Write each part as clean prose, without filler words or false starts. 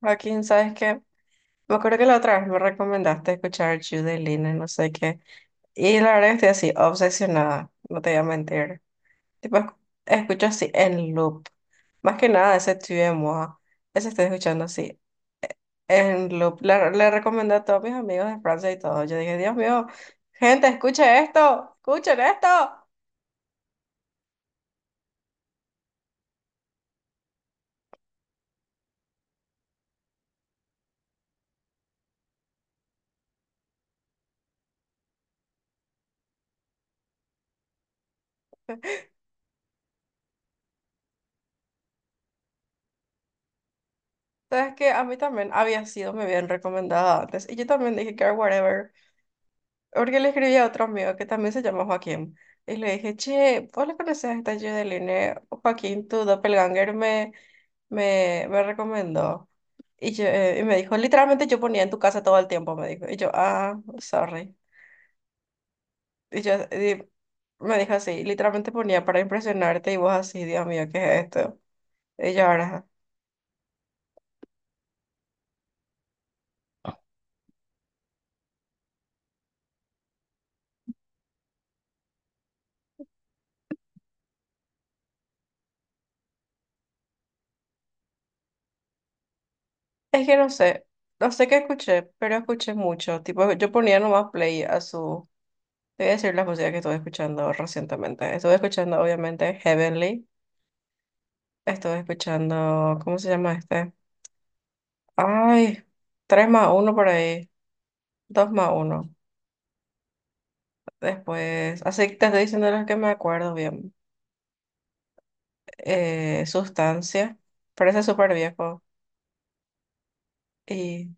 Joaquín, ¿sabes qué? Me acuerdo que la otra vez me recomendaste escuchar Judy Lina, no sé qué. Y la verdad que estoy así, obsesionada, no te voy a mentir. Tipo, escucho así en loop. Más que nada ese Tue de Moi, ese estoy escuchando así en loop. Le recomendé a todos mis amigos de Francia y todo. Yo dije, Dios mío, gente, escuchen esto, escuchen esto. Sabes que a mí también había sido muy bien recomendada antes. Y yo también dije, care whatever. Porque le escribí a otro amigo que también se llama Joaquín. Y le dije, che, ¿vos le conocés a esta Judeline? Joaquín, tu doppelganger me recomendó. Y me dijo, literalmente yo ponía en tu casa todo el tiempo, me dijo. Y yo, ah, sorry. Y yo y me dijo así, literalmente ponía para impresionarte y vos así, Dios mío, ¿qué es esto? Y yo ahora, es que no sé, no sé qué escuché, pero escuché mucho. Tipo, yo ponía nomás play a sus. Te voy a decir las músicas que estuve escuchando recientemente. Estuve escuchando, obviamente, Heavenly. Estuve escuchando, ¿cómo se llama este? Ay, 3 más uno por ahí, 2 más uno. Después, así que te estoy diciendo los que me acuerdo bien. Sustancia, parece súper viejo. Y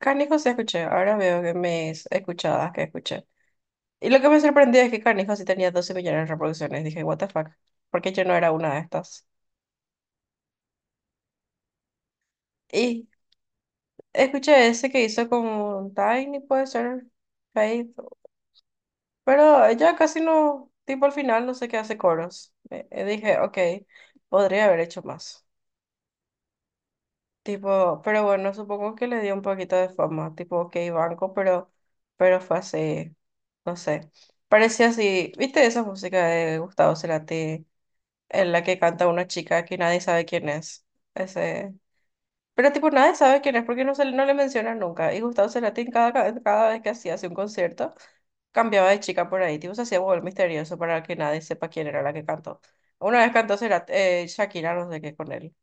Canijo sí escuché, ahora veo que mis escuchadas que escuché. Y lo que me sorprendió es que Canijo sí tenía 12 millones de reproducciones. Dije, what the fuck, ¿por qué yo no era una de estas? Y escuché ese que hizo con Tiny, puede ser, Faith, pero ella casi no, tipo al final no sé qué hace coros. Dije, ok, podría haber hecho más. Tipo, pero bueno, supongo que le dio un poquito de fama, tipo, ok, banco, pero fue así, no sé. Parecía así, ¿viste esa música de Gustavo Cerati en la que canta una chica que nadie sabe quién es? Ese. Pero tipo nadie sabe quién es porque no, se, no le mencionan nunca. Y Gustavo Cerati en cada, cada vez que hacía un concierto cambiaba de chica por ahí. Tipo se hacía volver misterioso para que nadie sepa quién era la que cantó. Una vez cantó Shakira, no sé qué con él.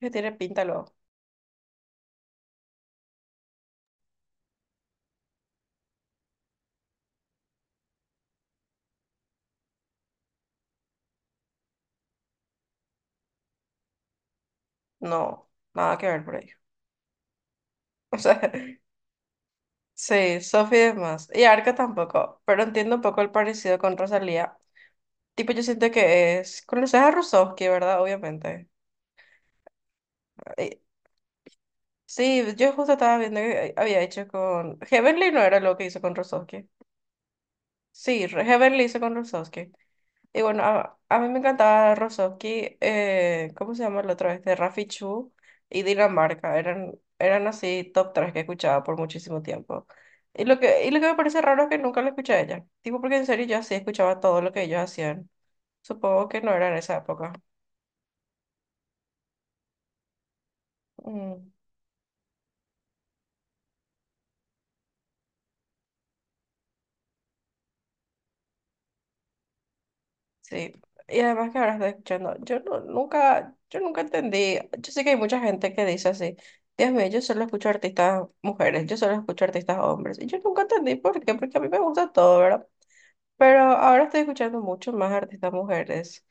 Que tiene pinta lo. No, nada que ver por ahí. O sea, sí, Sophie es más. Y Arca tampoco. Pero entiendo un poco el parecido con Rosalía. Tipo yo siento que es... Conoces a Rusovsky, ¿verdad? Obviamente. Sí, yo justo estaba viendo que había hecho con... Heavenly no era lo que hizo con Rozovsky. Sí, Heavenly hizo con Rozovsky. Y bueno, a mí me encantaba Rozovsky, ¿cómo se llama el otro? Este, Rafi Chu y Dinamarca. Eran así top tres que escuchaba por muchísimo tiempo. Y lo que me parece raro es que nunca la escuché a ella. Tipo, porque en serio yo así escuchaba todo lo que ellos hacían. Supongo que no era en esa época. Mm. Sí, y además que ahora estoy escuchando, yo no, nunca, yo nunca entendí, yo sé que hay mucha gente que dice así, Dios mío, yo solo escucho artistas mujeres, yo solo escucho artistas hombres, y yo nunca entendí por qué, porque a mí me gusta todo, ¿verdad? Pero ahora estoy escuchando mucho más artistas mujeres,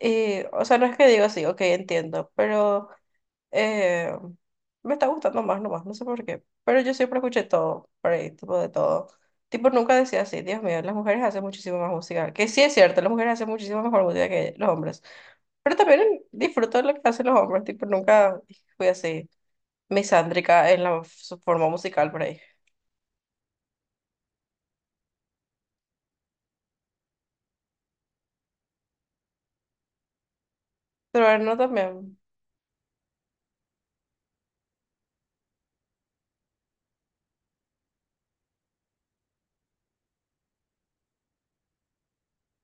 y, o sea, no es que digo así, ok, entiendo, pero eh, me está gustando más nomás, no sé por qué. Pero yo siempre escuché todo, por ahí, tipo de todo. Tipo, nunca decía así, Dios mío, las mujeres hacen muchísimo más música. Que sí es cierto, las mujeres hacen muchísimo mejor música que los hombres. Pero también disfruto de lo que hacen los hombres, tipo, nunca fui así misándrica en la, su forma musical por ahí. Pero no también.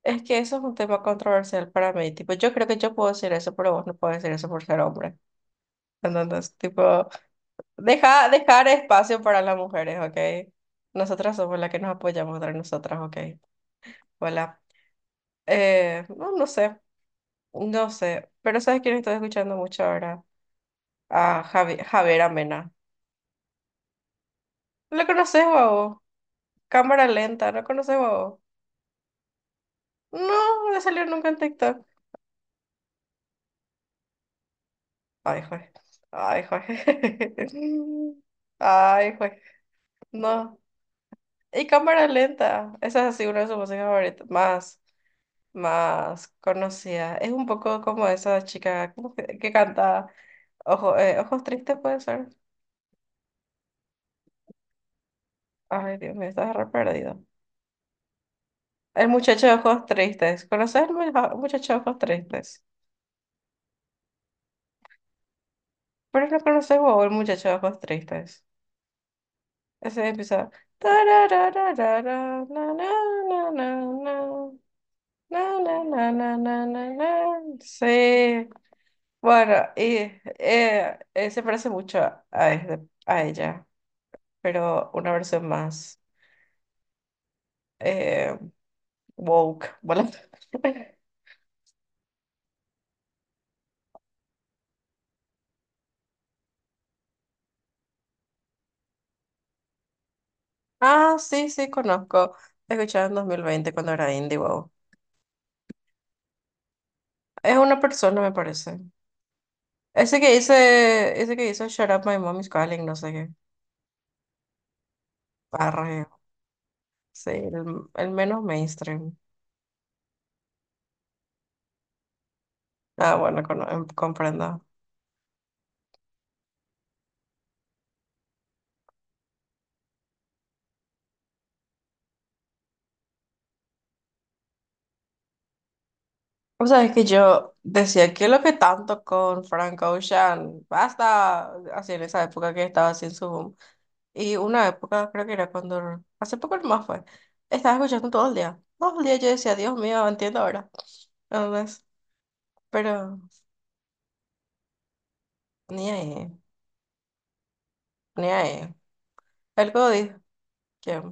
Es que eso es un tema controversial para mí. Tipo, yo creo que yo puedo decir eso, pero vos no puedes decir eso por ser hombre. Entonces, tipo, dejar espacio para las mujeres, ¿ok? Nosotras somos las que nos apoyamos entre nosotras, ¿ok? Hola. No, no sé. Pero ¿sabes quién estoy escuchando mucho ahora? A Javier Amena. ¿Lo conoces, babo? Cámara lenta, ¿no conoces, babo? No, no salió nunca en TikTok. Ay, juez. Ay, juez. Ay, juez. No. Y cámara lenta. Esa es así una de sus músicas favoritas. Más conocida. Es un poco como esa chica, ¿cómo que canta Ojos Tristes, puede ser? Ay, Dios mío, estás re perdido. El muchacho de ojos tristes. ¿Conoces el muchacho de ojos tristes? Pero no conoces vos el muchacho de ojos tristes. Ese empieza. "Tararararara, na, na, na, na, na, na, na, na, na, na, na, na". Sí. Bueno, y se parece mucho a, a ella, pero una versión más, eh, woke, bueno. Ah, sí, sí, conozco. Escuchaba en 2020 cuando era indie, wow. Es una persona, me parece. Ese que dice, ese que hizo Shut Up, My Mom is Calling, no sé qué. Arre, sí, el menos mainstream. Ah, bueno, comprendo. O sea, es que yo decía, ¿qué es lo que tanto con Frank Ocean? Basta, así en esa época que estaba así en su. Y una época, creo que era cuando, hace poco más fue, estaba escuchando todo el día. Todo el día yo decía, Dios mío, entiendo ahora. Entonces, pero ni ahí, ni ahí. El Godis, que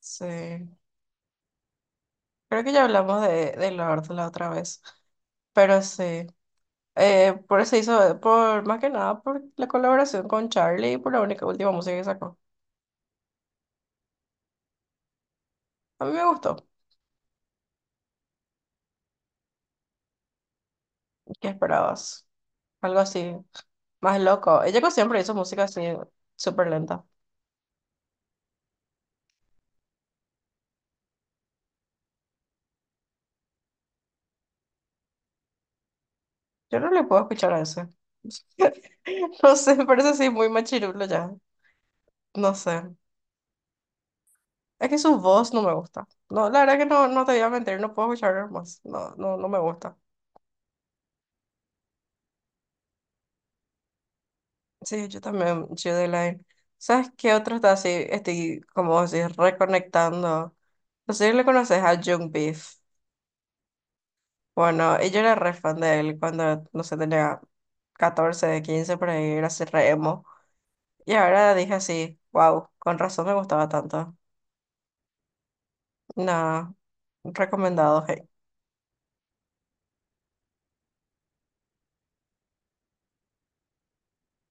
sí. Creo que ya hablamos de Lord la otra vez, pero sí. Por eso hizo, por más que nada, por la colaboración con Charlie y por la única última música que sacó. A mí me gustó. ¿Qué esperabas? Algo así, más loco. Ella que siempre hizo música así, súper lenta. Yo no le puedo escuchar a ese. No sé, me parece así muy machirulo ya. No sé. Es que su voz no me gusta. No, la verdad que no, no te voy a mentir, no puedo escuchar más. No, no, no me gusta. Sí, yo también, Line. ¿Sabes qué otro está así? Estoy como así reconectando. No sé si le conoces a Jung Beef. Bueno, y yo era re fan de él cuando, no sé, tenía 14, 15 por ahí, era así re emo. Y ahora dije así, wow, con razón me gustaba tanto. Nada, recomendado, hey.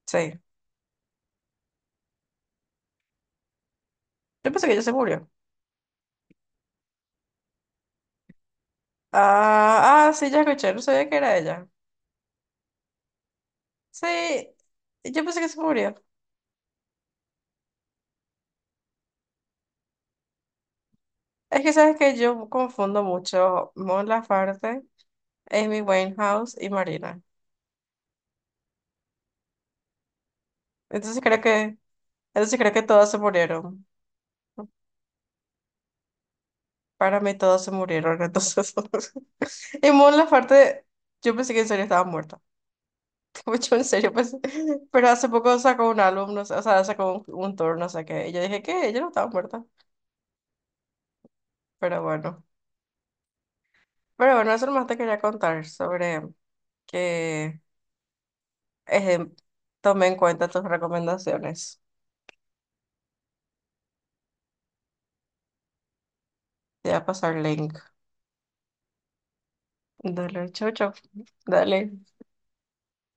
Sí. Yo pensé que ella se murió. Sí, ya escuché, no sabía que era ella. Sí, yo pensé que se murió. Es que sabes que yo confundo mucho Mon Laferte, Amy Winehouse y Marina. Entonces creo que todas se murieron. Para mí todas se murieron, entonces. Y Mon Laferte, yo pensé que en serio estaba muerta. Yo en serio pensé. Pero hace poco sacó un álbum, no sé, o sea, sacó un tour, no sé qué. Y yo dije que ella no estaba muerta. Pero bueno, pero bueno, eso más te quería contar sobre que eh, tomé en cuenta tus recomendaciones. Te voy a pasar link. Dale, chau, chau. Dale.